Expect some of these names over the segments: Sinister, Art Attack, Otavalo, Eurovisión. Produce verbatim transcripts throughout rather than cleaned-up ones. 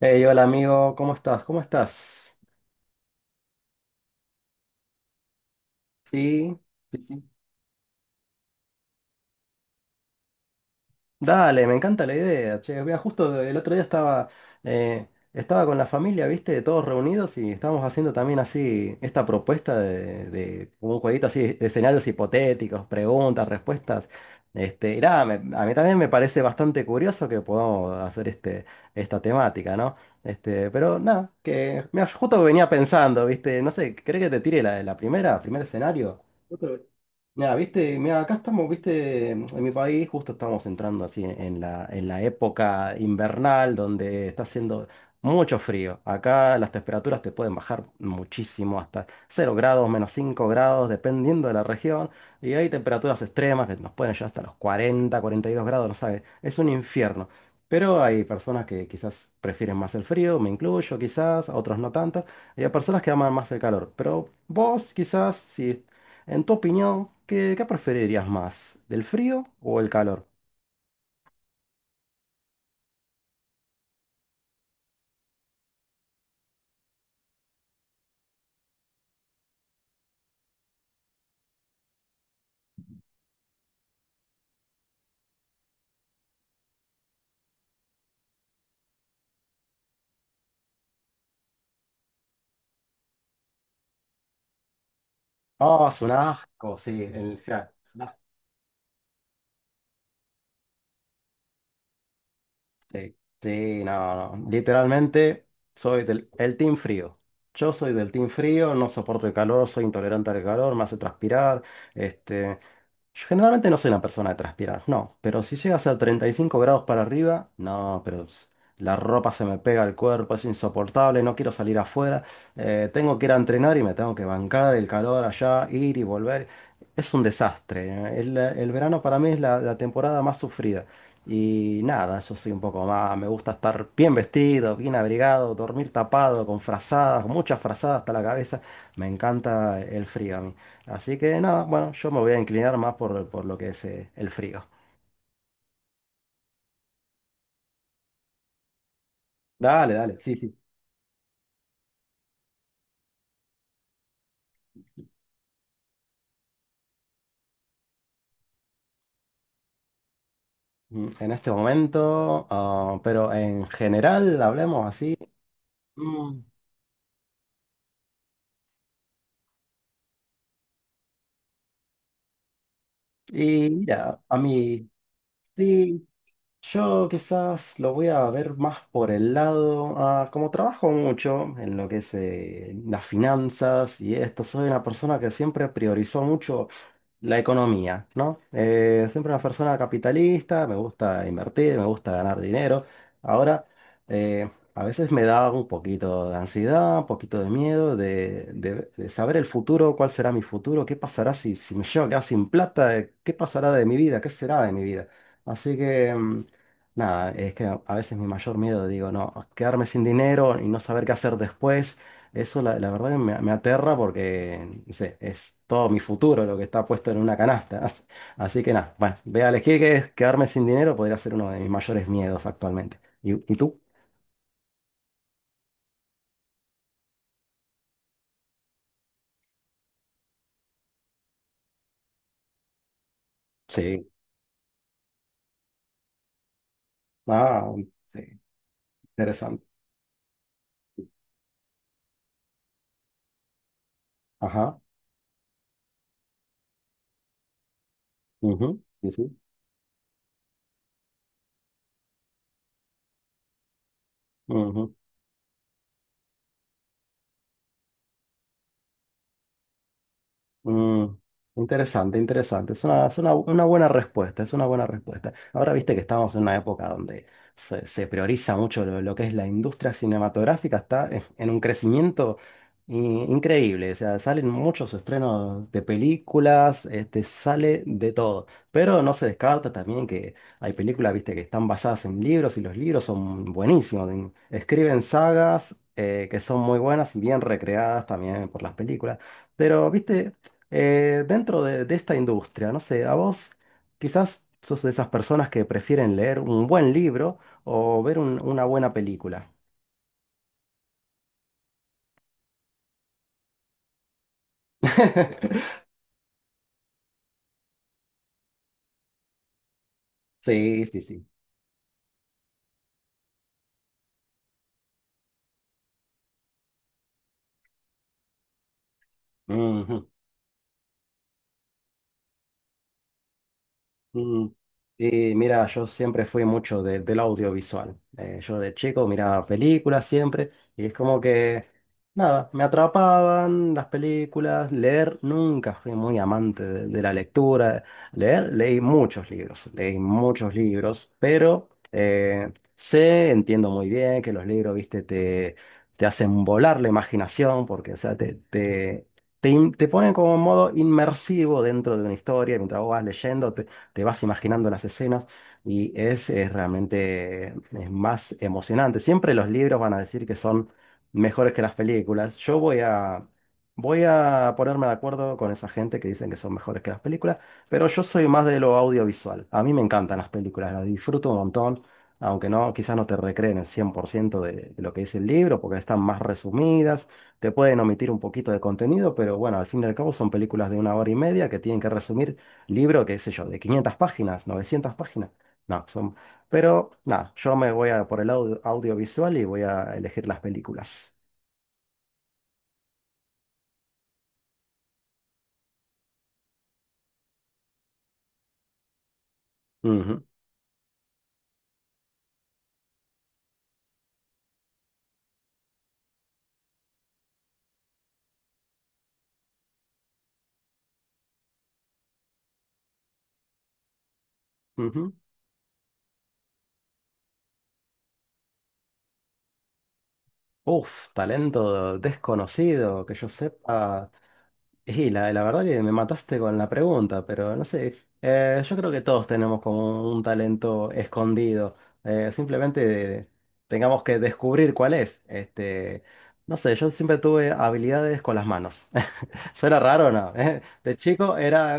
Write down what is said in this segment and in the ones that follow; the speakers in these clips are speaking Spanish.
Hey, hola amigo, ¿cómo estás? ¿Cómo estás? Sí, sí, sí. Dale, me encanta la idea. Che, vea, justo el otro día estaba, eh, estaba con la familia, ¿viste? Todos reunidos y estábamos haciendo también así esta propuesta de, de un jueguito así de escenarios hipotéticos, preguntas, respuestas. Este, y nada, me- a mí también me parece bastante curioso que podamos hacer este, esta temática, ¿no? Este, pero nada, que mira, yo justo venía pensando, ¿viste? No sé, ¿crees que te tire la, la primera, primer escenario? Justo Ya, viste, mira, acá estamos, viste, en mi país justo estamos entrando así en la, en la época invernal donde está haciendo mucho frío. Acá las temperaturas te pueden bajar muchísimo, hasta cero grados, menos cinco grados, dependiendo de la región. Y hay temperaturas extremas que nos pueden llegar hasta los cuarenta, cuarenta y dos grados, no sabes, es un infierno. Pero hay personas que quizás prefieren más el frío, me incluyo quizás, otros no tanto. Y hay personas que aman más el calor. Pero vos quizás, si en tu opinión, ¿qué, qué preferirías más? ¿Del frío o el calor? Oh, es un asco, sí. El- o sea, es un asco. Sí, sí, no, no. Literalmente soy del el team frío. Yo soy del team frío, no soporto el calor, soy intolerante al calor, me hace transpirar. este. Yo generalmente no soy una persona de transpirar, no, pero si llegas a treinta y cinco grados para arriba, no, pero s- la ropa se me pega al cuerpo, es insoportable, no quiero salir afuera, eh, tengo que ir a entrenar y me tengo que bancar el calor allá, ir y volver. Es un desastre. eh, El, el verano para mí es la, la temporada más sufrida. Y nada, yo soy un poco más, me gusta estar bien vestido, bien abrigado, dormir tapado, con frazadas, con muchas frazadas hasta la cabeza. Me encanta el frío a mí. Así que nada, bueno, yo me voy a inclinar más por, por lo que es eh, el frío. Dale, dale, sí, sí. Mm, En este momento, ah, pero en general, hablemos así. Mm, Y mira, a mí, sí, yo quizás lo voy a ver más por el lado, ah, como trabajo mucho en lo que es eh, las finanzas y esto, soy una persona que siempre priorizó mucho la economía, ¿no? Eh, siempre una persona capitalista, me gusta invertir, me gusta ganar dinero. Ahora, eh, a veces me da un poquito de ansiedad, un poquito de miedo de, de- de saber el futuro, cuál será mi futuro, qué pasará si, si me llego a quedar sin plata, eh, qué pasará de mi vida, qué será de mi vida. Así que, mm, nada, es que a veces mi mayor miedo, digo, no, quedarme sin dinero y no saber qué hacer después. Eso la, la verdad que me, me aterra porque, no sé, es todo mi futuro lo que está puesto en una canasta. Así, así que nada, bueno, voy a elegir que es quedarme sin dinero podría ser uno de mis mayores miedos actualmente. ¿Y, y tú? Sí. Ah, sí, interesante. Ajá. Ujú, sí, sí. Ujú. Mm, interesante, interesante. Es una, es una, una buena respuesta, es una buena respuesta. Ahora viste que estamos en una época donde se, se prioriza mucho lo, lo que es la industria cinematográfica, está en en un crecimiento i- increíble. O sea, salen muchos estrenos de películas, este, sale de todo. Pero no se descarta también que hay películas, viste, que están basadas en libros y los libros son buenísimos. en- Escriben sagas eh, que son muy buenas y bien recreadas también por las películas. Pero, viste, eh, dentro de, de esta industria, no sé, a vos quizás sos de esas personas que prefieren leer un buen libro o ver un- una buena película. Sí, sí, sí. Ujú. Mm, Y mira, yo siempre fui mucho de- del audiovisual. Eh, yo de chico miraba películas siempre y es como que, nada, me atrapaban las películas. Leer, nunca fui muy amante de, de la lectura. Leer, leí muchos libros, leí muchos libros, pero eh, sé, entiendo muy bien que los libros, viste, te, te hacen volar la imaginación porque, o sea, te, te, te in- te ponen como en modo inmersivo dentro de una historia mientras vos vas leyendo te vas imaginando las escenas y es, eh, realmente eh, es más emocionante. Siempre los libros van a decir que son mejores que las películas. Yo voy a, voy a ponerme de acuerdo con esa gente que dicen que son mejores que las películas, pero yo soy más de lo audiovisual. A mí me encantan las películas, las disfruto un montón. Aunque no, quizás no te recreen el cien por ciento de, de lo que dice el libro, porque están más resumidas, te pueden omitir un poquito de contenido, pero bueno, al fin y al cabo son películas de una hora y media que tienen que resumir libro, qué sé yo, de quinientas páginas, novecientas páginas. No, son... Pero nada, yo me voy a por el audio- audiovisual y voy a elegir las películas. Ujú, ujú. Uf, talento desconocido, que yo sepa. Y la, la verdad que me mataste con la pregunta, pero no sé. Eh, yo creo que todos tenemos como un talento escondido. Eh, simplemente tengamos que descubrir cuál es. Este, no sé, yo siempre tuve habilidades con las manos. Suena raro, ¿no? Eh, de chico era...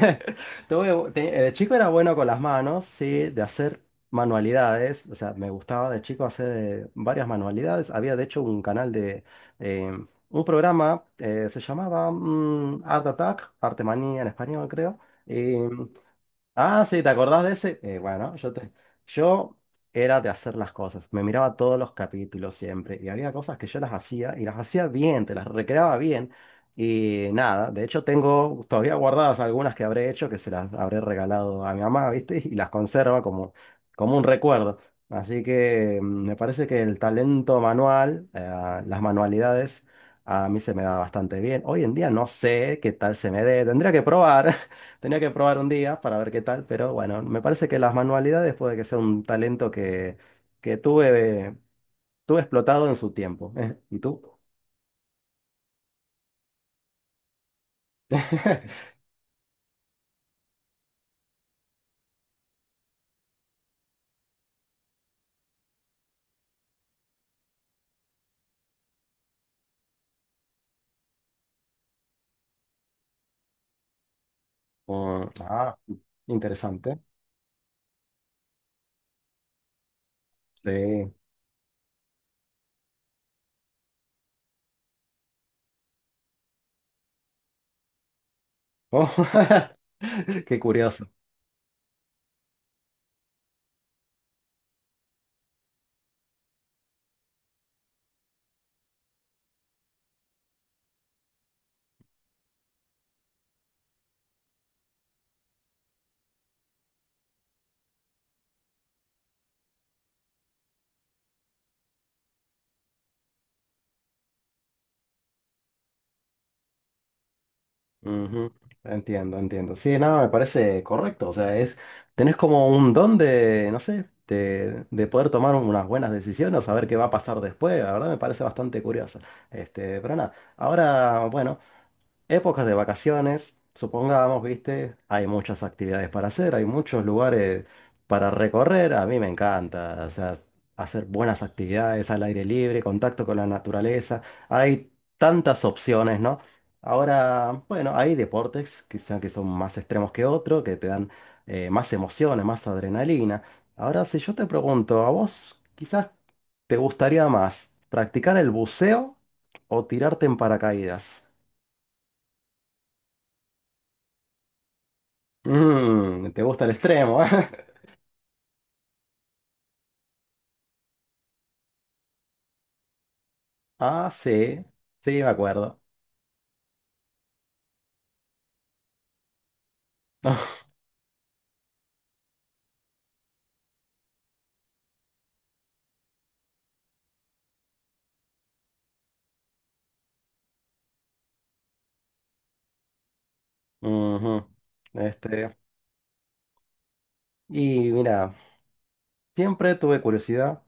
tuve- te- eh, De chico era bueno con las manos, sí, de hacer manualidades. O sea, me gustaba de chico hacer eh, varias manualidades. Había de hecho un canal de... eh, un programa, eh, se llamaba mm, Art Attack, Arte Manía en español, creo. Ah, sí, ¿te acordás de ese? Eh, bueno, yo, te, yo era de hacer las cosas. Me miraba todos los capítulos siempre. Y había cosas que yo las hacía y las hacía bien, te las recreaba bien. Y nada, de hecho tengo todavía guardadas algunas que habré hecho, que se las habré regalado a mi mamá, ¿viste? Y las conserva como, como un recuerdo. Así que mm, me parece que el talento manual, eh, las manualidades, a mí se me da bastante bien. Hoy en día no sé qué tal se me dé, tendría que probar. Tenía que probar un día para ver qué tal, pero bueno, me parece que las manualidades puede que sea un talento que, que tuve, de- tuve explotado en su tiempo. ¿Eh? ¿Y tú? Oh, ah, interesante. Sí. Oh, qué curioso. Ujú, entiendo, entiendo. Sí, no, me parece correcto. O sea, es, tenés como un don de, no sé, de, de poder tomar unas buenas decisiones o saber qué va a pasar después. La verdad me parece bastante curioso. Este, pero nada, ahora, bueno. Épocas de vacaciones, supongamos, viste, hay muchas actividades para hacer, hay muchos lugares para recorrer, a mí me encanta, o sea, hacer buenas actividades al aire libre, contacto con la naturaleza, hay tantas opciones, ¿no? Ahora, bueno, hay deportes quizá que son más extremos que otros, que te dan eh, más emociones, más adrenalina. Ahora, si yo te pregunto, ¿a vos quizás te gustaría más practicar el buceo o tirarte en paracaídas? Mm, te gusta el extremo, ¿eh? Ah, sí, sí, me acuerdo. Ujú. Este, y mira, siempre tuve curiosidad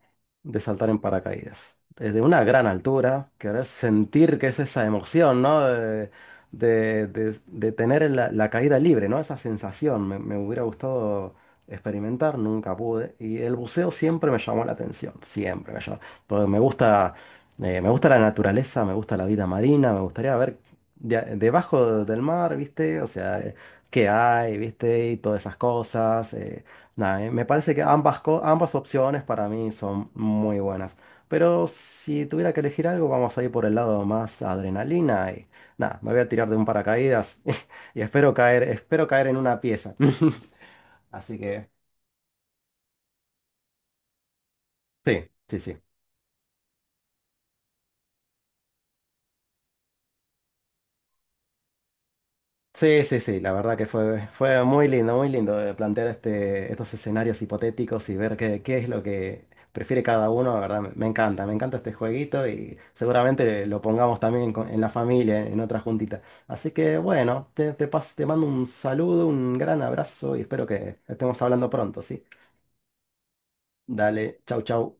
de saltar en paracaídas. Desde una gran altura, querer sentir que es esa emoción, ¿no? De, de- de- de tener la, la caída libre, ¿no? Esa sensación me, me hubiera gustado experimentar, nunca pude. Y el buceo siempre me llamó la atención, siempre me llamó. Porque me gusta, eh, me gusta la naturaleza, me gusta la vida marina, me gustaría ver de- debajo del mar, ¿viste? O sea, eh, qué hay, ¿viste? Y todas esas cosas. Eh, Nada, eh, Me parece que ambas, co- ambas opciones para mí son muy buenas. Pero si tuviera que elegir algo, vamos a ir por el lado más adrenalina y nada, me voy a tirar de un paracaídas y espero caer, espero caer en una pieza. Así que sí, sí, sí. Sí, sí, sí, la verdad que fue, fue muy lindo, muy lindo de plantear este, estos escenarios hipotéticos y ver qué, qué es lo que prefiere cada uno, la verdad, me me encanta, me encanta este jueguito y seguramente lo pongamos también con- en la familia, en otra juntita. Así que bueno, te, te, pas- te mando un saludo, un gran abrazo y espero que estemos hablando pronto, ¿sí? Dale, chau, chau.